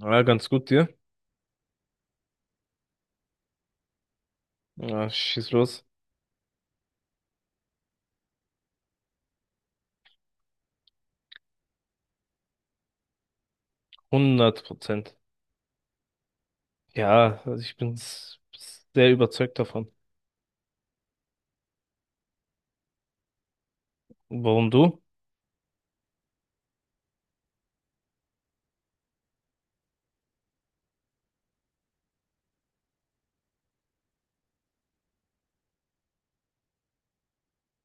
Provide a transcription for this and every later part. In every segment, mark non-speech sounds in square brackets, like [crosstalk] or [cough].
Ja, ganz gut dir. Ja, schieß los. 100%. Ja, also ich bin sehr überzeugt davon. Warum du?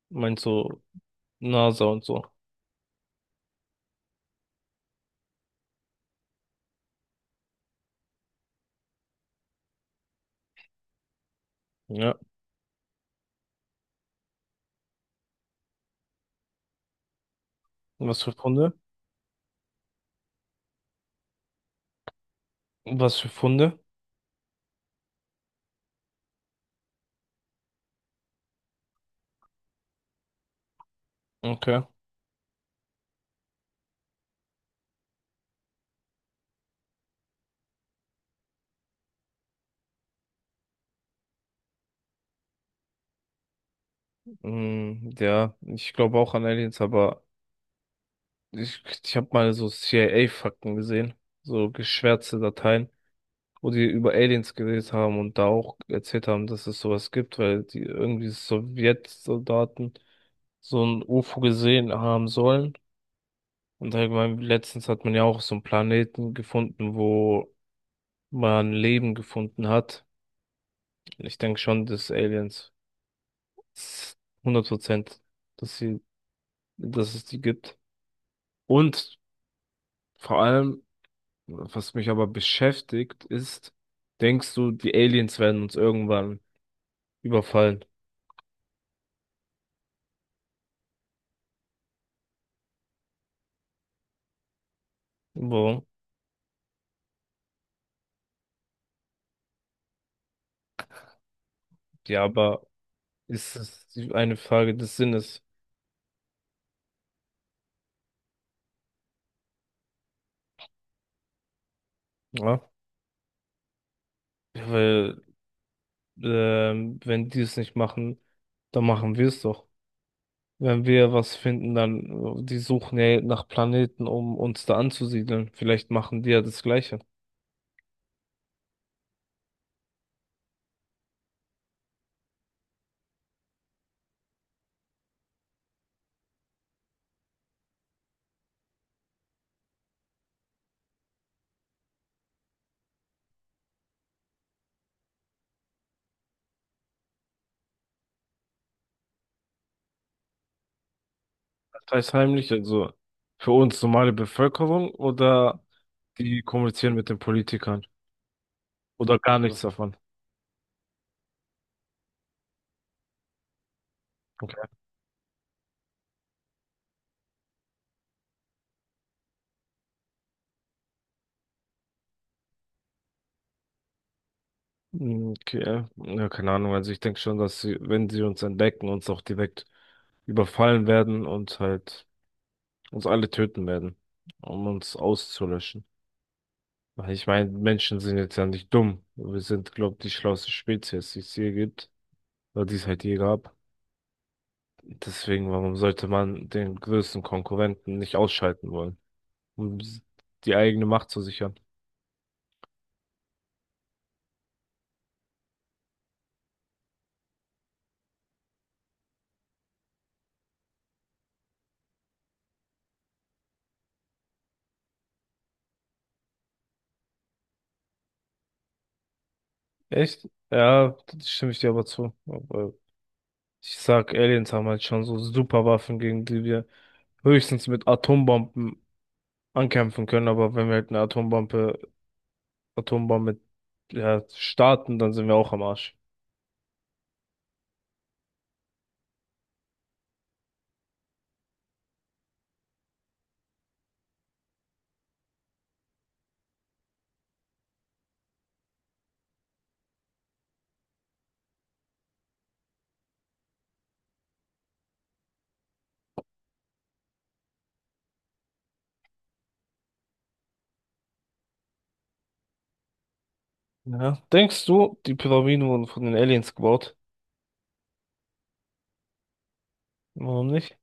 Meinst du NASA und so? Ja. Was für Funde? Was für Funde? Okay. Mm, ja, ich glaube auch an Aliens, aber ich habe mal so CIA-Fakten gesehen. So geschwärzte Dateien, wo die über Aliens geredet haben und da auch erzählt haben, dass es sowas gibt, weil die irgendwie Sowjetsoldaten so ein UFO gesehen haben sollen. Und allgemein, letztens hat man ja auch so einen Planeten gefunden, wo man Leben gefunden hat. Ich denke schon, dass Aliens s- 100%, dass sie, dass es die gibt. Und vor allem, was mich aber beschäftigt, ist, denkst du, die Aliens werden uns irgendwann überfallen? Wo? Ja, aber ist es eine Frage des Sinnes? Ja, weil wenn die es nicht machen, dann machen wir es doch. Wenn wir was finden, dann, die suchen ja nach Planeten, um uns da anzusiedeln. Vielleicht machen die ja das Gleiche. Das heißt heimlich, also für uns normale Bevölkerung oder die kommunizieren mit den Politikern oder gar nichts davon. Okay. Mhm. Okay. Ja, keine Ahnung. Also ich denke schon, dass sie, wenn sie uns entdecken, uns auch direkt überfallen werden und halt uns alle töten werden, um uns auszulöschen. Weil ich meine, Menschen sind jetzt ja nicht dumm. Wir sind, glaube ich, die schlauste Spezies, die es je gibt. Oder die es halt je gab. Deswegen, warum sollte man den größten Konkurrenten nicht ausschalten wollen, um die eigene Macht zu sichern? Echt? Ja, da stimme ich dir aber zu. Aber ich sag, Aliens haben halt schon so super Waffen, gegen die wir höchstens mit Atombomben ankämpfen können, aber wenn wir halt eine Atombombe, Atombombe, ja, starten, dann sind wir auch am Arsch. Ja. Denkst du, die Pyramiden wurden von den Aliens gebaut? Warum nicht?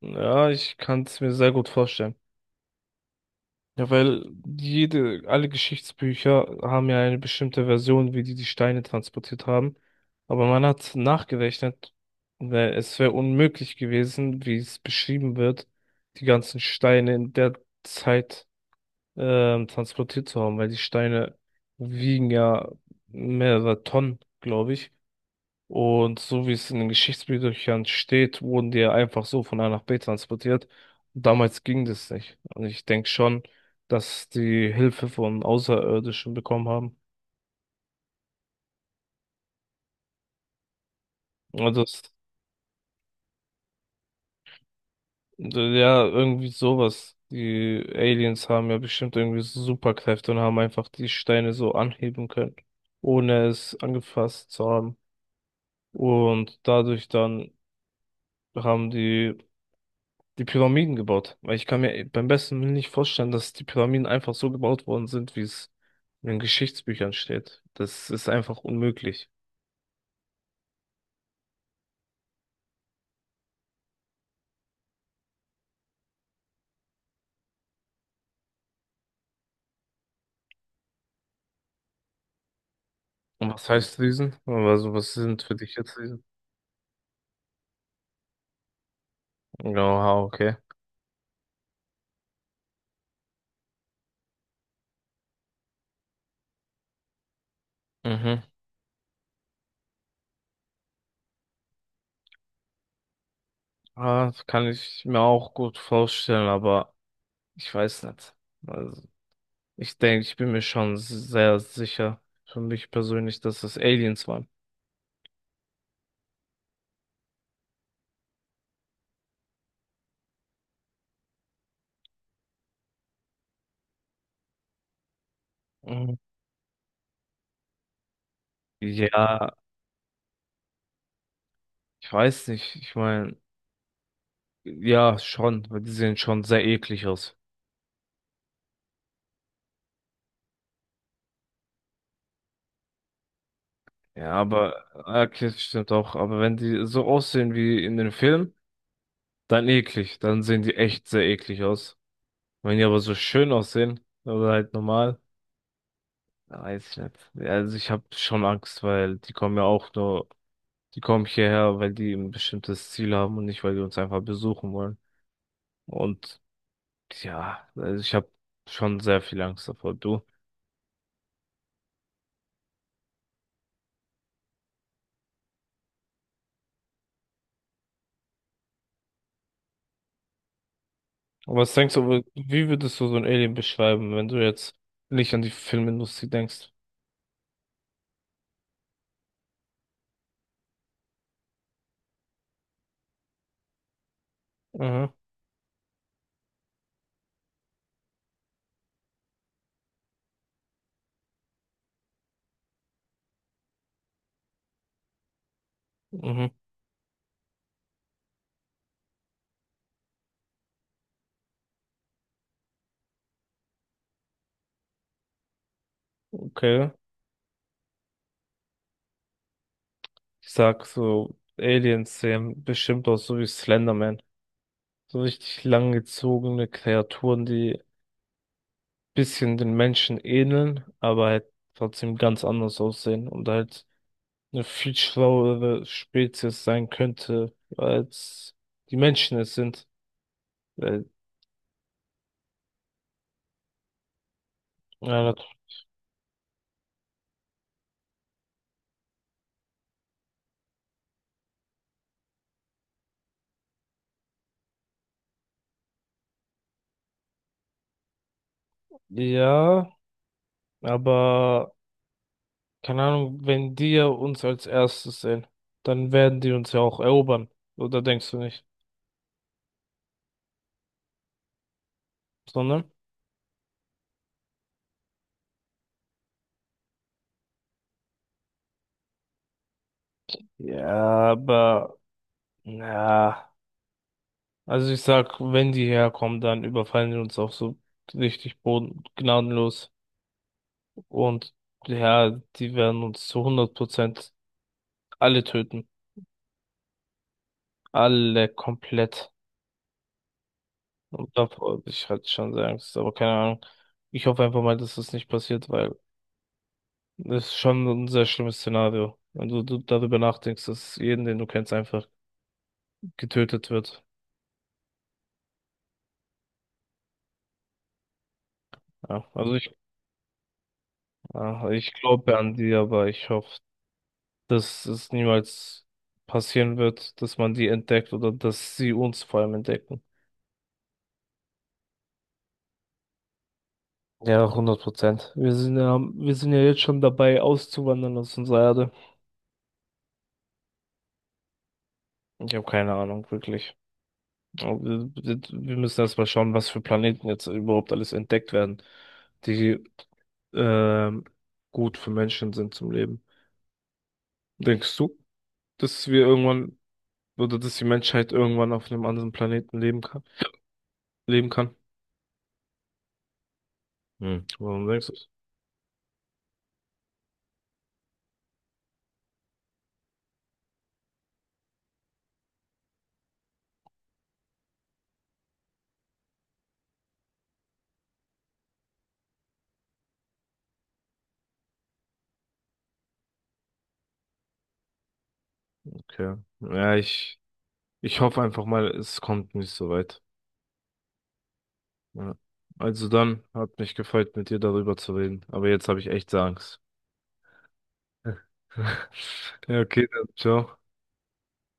Ja, ich kann es mir sehr gut vorstellen. Ja, weil alle Geschichtsbücher haben ja eine bestimmte Version, wie die die Steine transportiert haben. Aber man hat nachgerechnet, weil es wäre unmöglich gewesen, wie es beschrieben wird, die ganzen Steine in der Zeit transportiert zu haben, weil die Steine wiegen ja mehrere Tonnen, glaube ich. Und so wie es in den Geschichtsbüchern steht, wurden die ja einfach so von A nach B transportiert. Damals ging das nicht. Und ich denke schon, dass die Hilfe von Außerirdischen bekommen haben. Also das, ja, irgendwie sowas. Die Aliens haben ja bestimmt irgendwie so Superkräfte und haben einfach die Steine so anheben können, ohne es angefasst zu haben. Und dadurch dann haben die die Pyramiden gebaut. Weil ich kann mir beim besten Willen nicht vorstellen, dass die Pyramiden einfach so gebaut worden sind, wie es in den Geschichtsbüchern steht. Das ist einfach unmöglich. Und was heißt Riesen? Also was sind für dich jetzt Riesen? Ja, okay. Mhm. Ah, das kann ich mir auch gut vorstellen, aber ich weiß nicht. Also ich denke, ich bin mir schon sehr sicher, für mich persönlich, dass es Aliens waren. Mhm. Ja, ich weiß nicht. Ich meine, ja, schon, weil die sehen schon sehr eklig aus. Ja, aber, ah, okay, das stimmt auch. Aber wenn die so aussehen wie in den Filmen, dann eklig. Dann sehen die echt sehr eklig aus. Wenn die aber so schön aussehen, oder halt normal, dann weiß ich nicht. Ja, also ich habe schon Angst, weil die kommen ja auch nur, die kommen hierher, weil die ein bestimmtes Ziel haben und nicht, weil die uns einfach besuchen wollen. Und ja, also ich habe schon sehr viel Angst davor. Du. Aber was denkst du, wie würdest du so ein Alien beschreiben, wenn du jetzt nicht an die Filmindustrie denkst? Mhm, mhm, okay. Ich sag so, Aliens sehen bestimmt aus, so wie Slenderman. So richtig langgezogene Kreaturen, die bisschen den Menschen ähneln, aber halt trotzdem ganz anders aussehen und halt eine viel schlauere Spezies sein könnte, als die Menschen es sind. Weil, ja, ja, aber keine Ahnung, wenn die ja uns als erstes sehen, dann werden die uns ja auch erobern. Oder denkst du nicht? Sondern? Ja, aber. Ja, also ich sag, wenn die herkommen, dann überfallen die uns auch so richtig boden gnadenlos. Und ja, die werden uns zu 100% alle töten. Alle komplett. Und davor hab ich hatte schon sehr Angst, aber keine Ahnung. Ich hoffe einfach mal, dass das nicht passiert, weil das ist schon ein sehr schlimmes Szenario. Wenn du darüber nachdenkst, dass jeden, den du kennst, einfach getötet wird. Ja, also ja, ich glaube an die, aber ich hoffe, dass es niemals passieren wird, dass man die entdeckt oder dass sie uns vor allem entdecken. Ja, hundert Prozent. Wir sind ja jetzt schon dabei, auszuwandern aus unserer Erde. Ich habe keine Ahnung, wirklich. Aber wir müssen erst mal schauen, was für Planeten jetzt überhaupt alles entdeckt werden, die ähm, gut für Menschen sind zum Leben. Denkst du, dass wir irgendwann oder dass die Menschheit irgendwann auf einem anderen Planeten leben kann? Leben kann? Hm. Warum denkst du das? Okay. Ja, ich. Ich hoffe einfach mal, es kommt nicht so weit. Ja. Also dann, hat mich gefreut, mit dir darüber zu reden. Aber jetzt habe ich echt Angst. [laughs] Ja, okay, dann, ciao.